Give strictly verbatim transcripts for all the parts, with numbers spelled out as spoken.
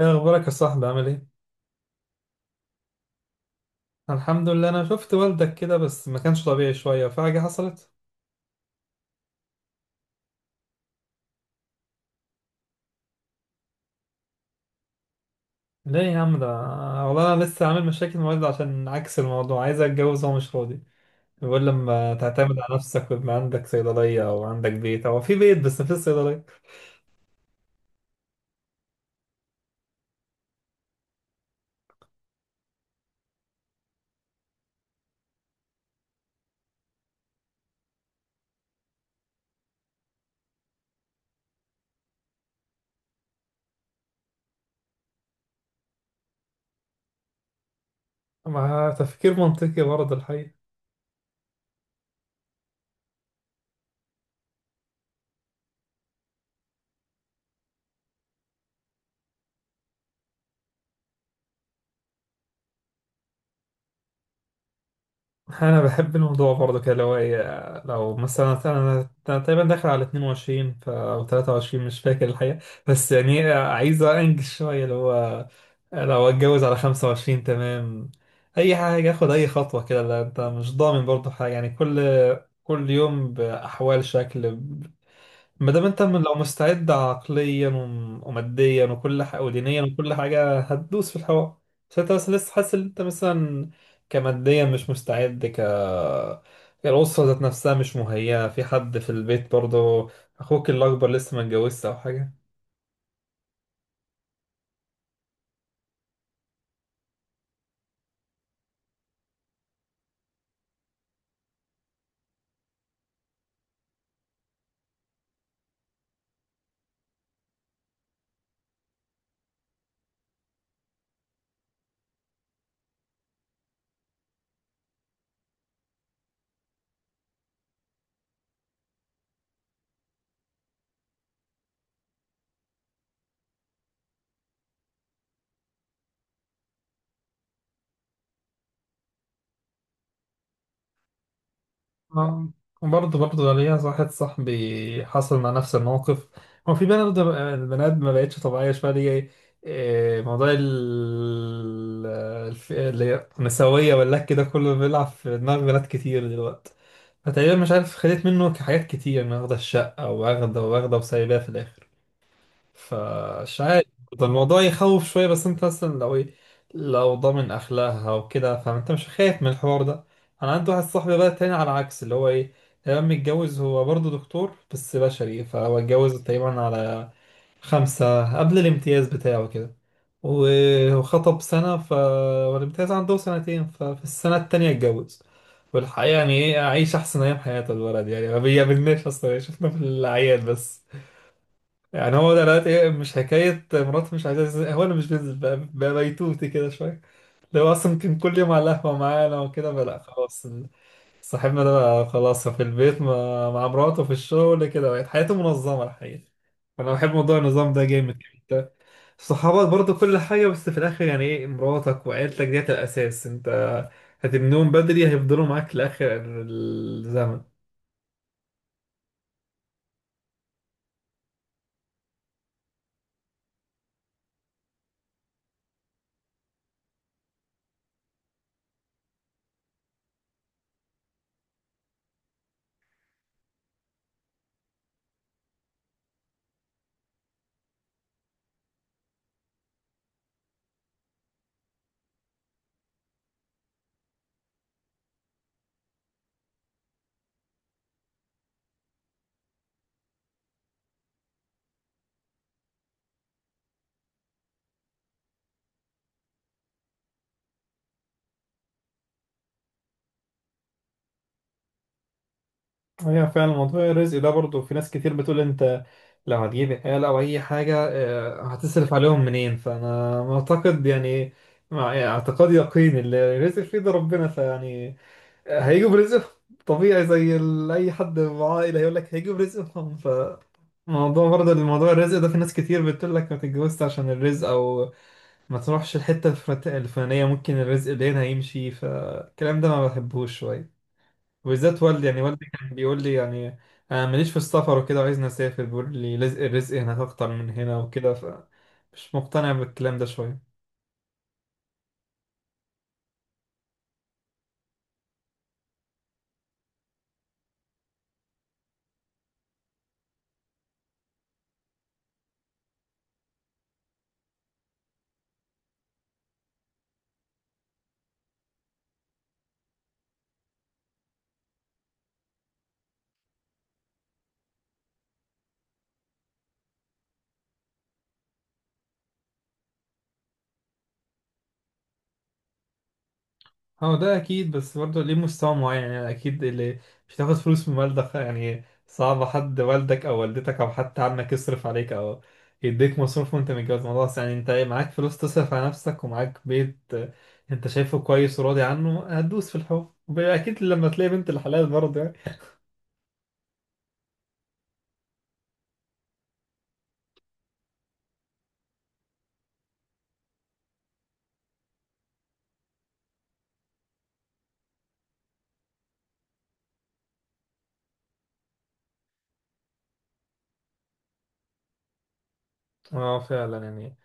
ايه اخبارك يا صاحبي، عامل ايه؟ الحمد لله. انا شفت والدك كده بس ما كانش طبيعي شويه، في حاجه حصلت؟ ليه يا عم ده؟ والله انا لسه عامل مشاكل مع والدي عشان عكس الموضوع، عايز اتجوز وهو مش فاضي. بيقول لما تعتمد على نفسك ويبقى عندك صيدليه او عندك بيت، او في بيت بس مفيش صيدليه. مع تفكير منطقي برضه الحقيقه. انا بحب الموضوع برضه كده، لو إيه، لو مثلا انا أنا تقريبا داخل على اتنين وعشرين ف- او تلاتة وعشرين، مش فاكر الحقيقه. بس يعني إيه، عايز انجز شويه اللي هو لو اتجوز على خمسة وعشرين، تمام. اي حاجه، اخد اي خطوه كده، لا انت مش ضامن برضه حاجه. يعني كل كل يوم باحوال شكل ب- ما دام انت من- لو مستعد عقليا وم- وماديا وكل حاجه ودينيا، وكل حاجه هتدوس في الحوار. بس انت بس لسه حاسس ان انت مثلا كماديا مش مستعد ك الأسرة ذات نفسها مش مهيئة، في حد في البيت برضه؟ أخوك الأكبر لسه ما اتجوزش أو حاجة؟ آه، برضه برضه ليا واحد صاحبي حصل مع نفس الموقف. هو في بنات، البنات ما بقتش طبيعية شوية دي. إيه، موضوع ال- الف- اللي هي النسوية والله كده، كله بيلعب في دماغ بنات كتير دلوقتي. فتقريبا مش عارف، خدت منه حاجات كتير، إنه واخدة الشقة واخدة واخدة وسايباها في الآخر. فمش عارف. ده الموضوع يخوف شوية، بس انت مثلا لو ايه، لو ضامن اخلاقها وكده فانت مش خايف من الحوار ده. انا عندي واحد صاحبي بقى تاني على العكس، اللي هو ايه، لما متجوز هو برضه دكتور بس بشري، فهو اتجوز تقريبا على خمسة قبل الامتياز بتاعه كده، وخطب سنة، ف والامتياز عنده سنتين، ففي السنة التانية اتجوز. والحقيقة يعني ايه، عايش أحسن أيام حياته الولد، يعني ما بيقابلناش أصلا، يعني شفنا في الأعياد بس. يعني هو ده دلوقتي إيه، مش حكاية مراته مش عايزة تنزل، هو أنا مش بنزل بقى, بقى بيتوتي كده شوية. لو أصلا كان كل يوم على القهوة معانا وكده، بقى لأ خلاص. صاحبنا ده بقى خلاص في البيت مع, مع مراته، في الشغل كده، بقت حياته منظمة الحقيقة. فأنا بحب موضوع النظام ده جامد. أنت صحابك برضه كل حاجة، بس في الآخر يعني إيه مراتك وعيلتك ديت الأساس. أنت هتبنيهم بدري هيفضلوا معاك لآخر الزمن. هي فعلا موضوع الرزق ده برضه، في ناس كتير بتقول انت لو هتجيب آلة او اي حاجة آه، هتصرف عليهم منين. فانا معتقد، يعني مع يعني اعتقاد يقين اللي الرزق في ايد ربنا، فيعني آه، هيجوا برزقهم، طبيعي زي ال- اي حد معاه عائلة هيقول لك هيجوا برزقهم. ف موضوع برضه الموضوع الرزق ده، في ناس كتير بتقول لك ما تتجوزش عشان الرزق، او ما تروحش الحتة الفلت- الفلانية ممكن الرزق اللي هنا هيمشي. فالكلام ده ما بحبوش شوية، وبالذات والدي، يعني والدي كان بيقول لي، يعني انا ماليش في السفر وكده، وعايزني اسافر، بيقول لي رزق الرزق هناك اكتر من هنا وكده. ف مش مقتنع بالكلام ده شويه. هو ده اكيد، بس برضه ليه مستوى معين، يعني اكيد اللي مش هتاخد فلوس من والدك، يعني صعب حد والدك او والدتك او حتى عمك يصرف عليك او يديك مصروف وانت متجوز. الموضوع بس يعني انت إيه، معاك فلوس تصرف على نفسك ومعاك بيت آه، انت شايفه كويس وراضي عنه، هتدوس في الحب اكيد لما تلاقي بنت الحلال برضه يعني. اه فعلا يعني. يعني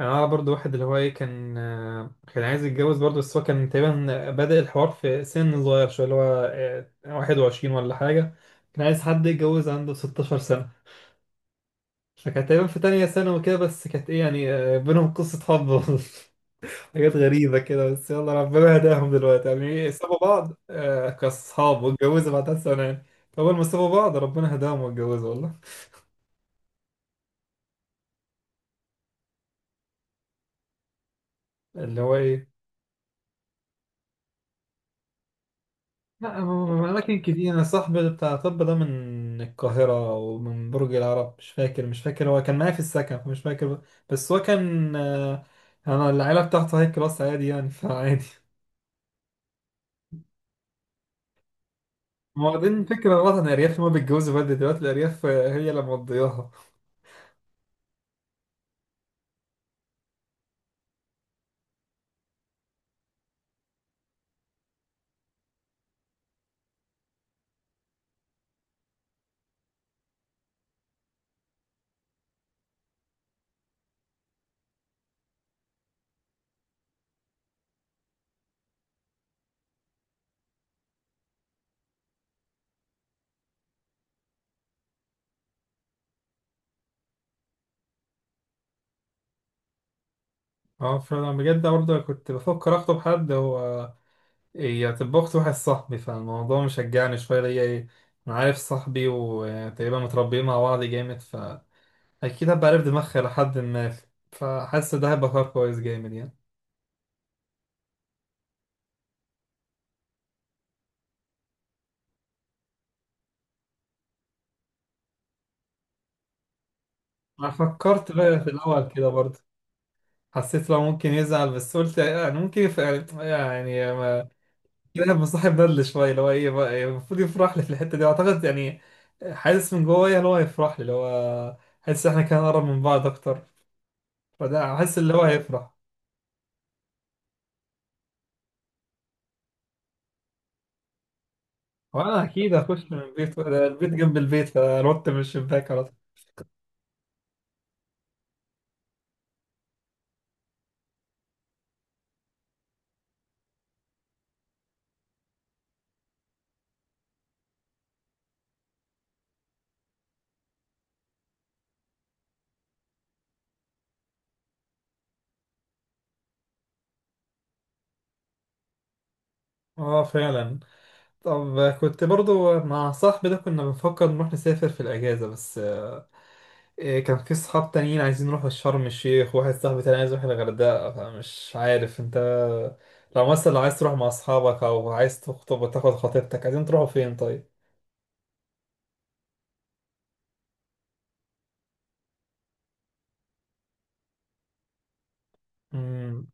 انا اعرف برضو واحد اللي هو ايه، كان آه، كان عايز يتجوز برضو، بس هو كان تقريبا بادئ الحوار في سن صغير شويه اللي هو آه، واحد وعشرين ولا حاجه. كان عايز حد يتجوز عنده ست عشرة سنه. فكانت تقريبا في تانية سنة وكده، بس كانت ايه يعني آه، بينهم قصة حب. حاجات غريبة كده، بس يلا ربنا هداهم دلوقتي، يعني ايه سابوا بعض آه، كأصحاب، واتجوزوا بعدها سنة يعني. فأول ما سابوا بعض ربنا هداهم واتجوزوا والله. اللي هو ايه؟ لا أماكن كتير. أنا صاحبي بتاع طب ده من القاهرة، ومن برج العرب مش فاكر، مش فاكر، هو كان معايا في السكن فمش فاكر. بس هو كان آه، أنا العيلة بتاعته هاي كلاس عادي، يعني فعادي. هم واخدين فكرة غلط عن الأرياف، هما بيتجوزوا بدري دلوقتي الأرياف، آه، هي اللي مقضياها. اه فأنا بجد برضه كنت بفكر أخطب حد، هو هي تبقى أخت واحد صاحبي، فالموضوع مشجعني شوية ليا إيه أنا عارف صاحبي وتقريبا متربيين مع بعض جامد، اكيد هبقى عارف دماغها لحد ما، فحاسس ده هيبقى قرار كويس جامد يعني. انا فكرت بقى في الاول كده برضه، حسيت لو ممكن يزعل، بس قلت يعني ممكن يف- يعني ما، كده مصاحب بدل شويه اللي هو ايه بقى، يعني المفروض يفرح لي في الحته دي اعتقد يعني. حاسس من جوايا اللي هو هيفرح لي، اللي هو حاسس احنا كان قرب من بعض اكتر، فده حاسس اللي هو هيفرح. وانا اكيد هخش من البيت ده، البيت جنب البيت، فنط من الشباك على طول. اه فعلا. طب كنت برضو مع صاحبي ده كنا بنفكر نروح نسافر في الأجازة، بس إيه، كان في صحاب تانيين عايزين نروح شرم الشيخ، وواحد صاحبي تاني عايز يروح الغردقة، فمش عارف انت، لو مثلا لو عايز تروح مع أصحابك أو عايز تخطب وتاخد خطيبتك، عايزين تروحوا فين طيب؟ مم.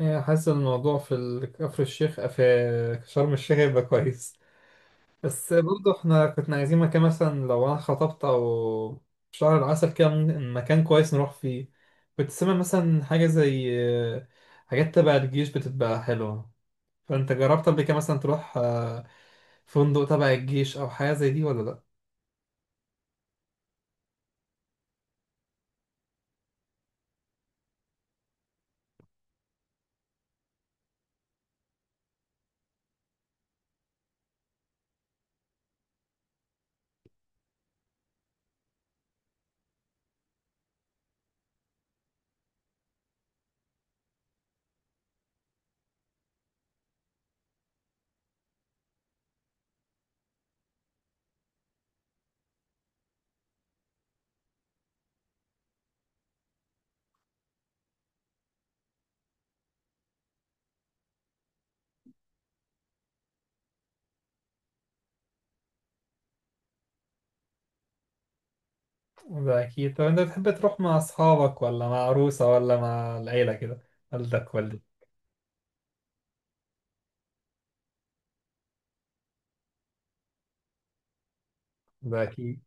إيه، حاسس إن الموضوع في ال- كفر الشيخ، في شرم الشيخ يبقى كويس. بس برضه احنا كنا عايزين مكان، مثلا لو انا خطبت او شهر العسل كده، ممكن مكان كويس نروح فيه. كنت سامع مثلا حاجة زي آه، حاجات تبع الجيش بتبقى حلوة. فانت جربت قبل كده مثلا تروح آه، فندق تبع الجيش او حاجة زي دي ولا لا؟ ده اكيد. طب انت بتحب تروح مع اصحابك ولا مع عروسة ولا مع العيلة كده، والدك والدك؟ ده اكيد.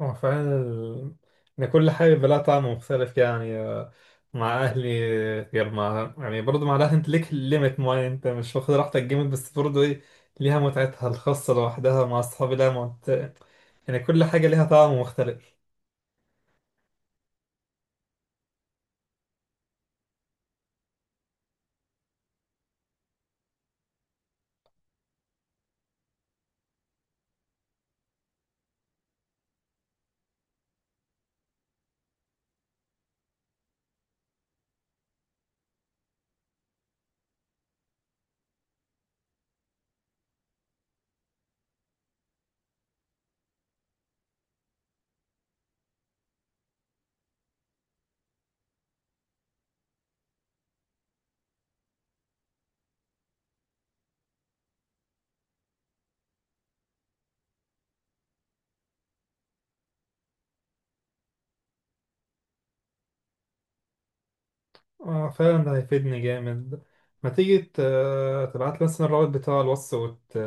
هو فعلا ال- إن كل حاجة بلا طعم مختلف يعني آه، مع أهلي آه، غير مع، يعني برضه مع الأهل، أنت ليك ليميت معين، أنت مش واخد راحتك جامد، بس برضه إيه ليها متعتها الخاصة لوحدها، مع أصحابي لها مت... يعني كل حاجة ليها طعم مختلف. آه، فعلا ده هيفيدني جامد. ما تيجي ت- تبعت لي مثلا الرابط بتاع الوصف، وت...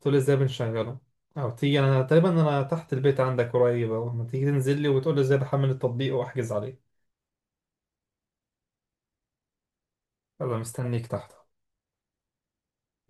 تقول إزاي بنشغله. أو تيجي، أنا تقريبا أنا تحت البيت عندك قريب أهو، ما تيجي تنزل لي وتقول لي إزاي بحمل التطبيق وأحجز عليه. يلا مستنيك تحت.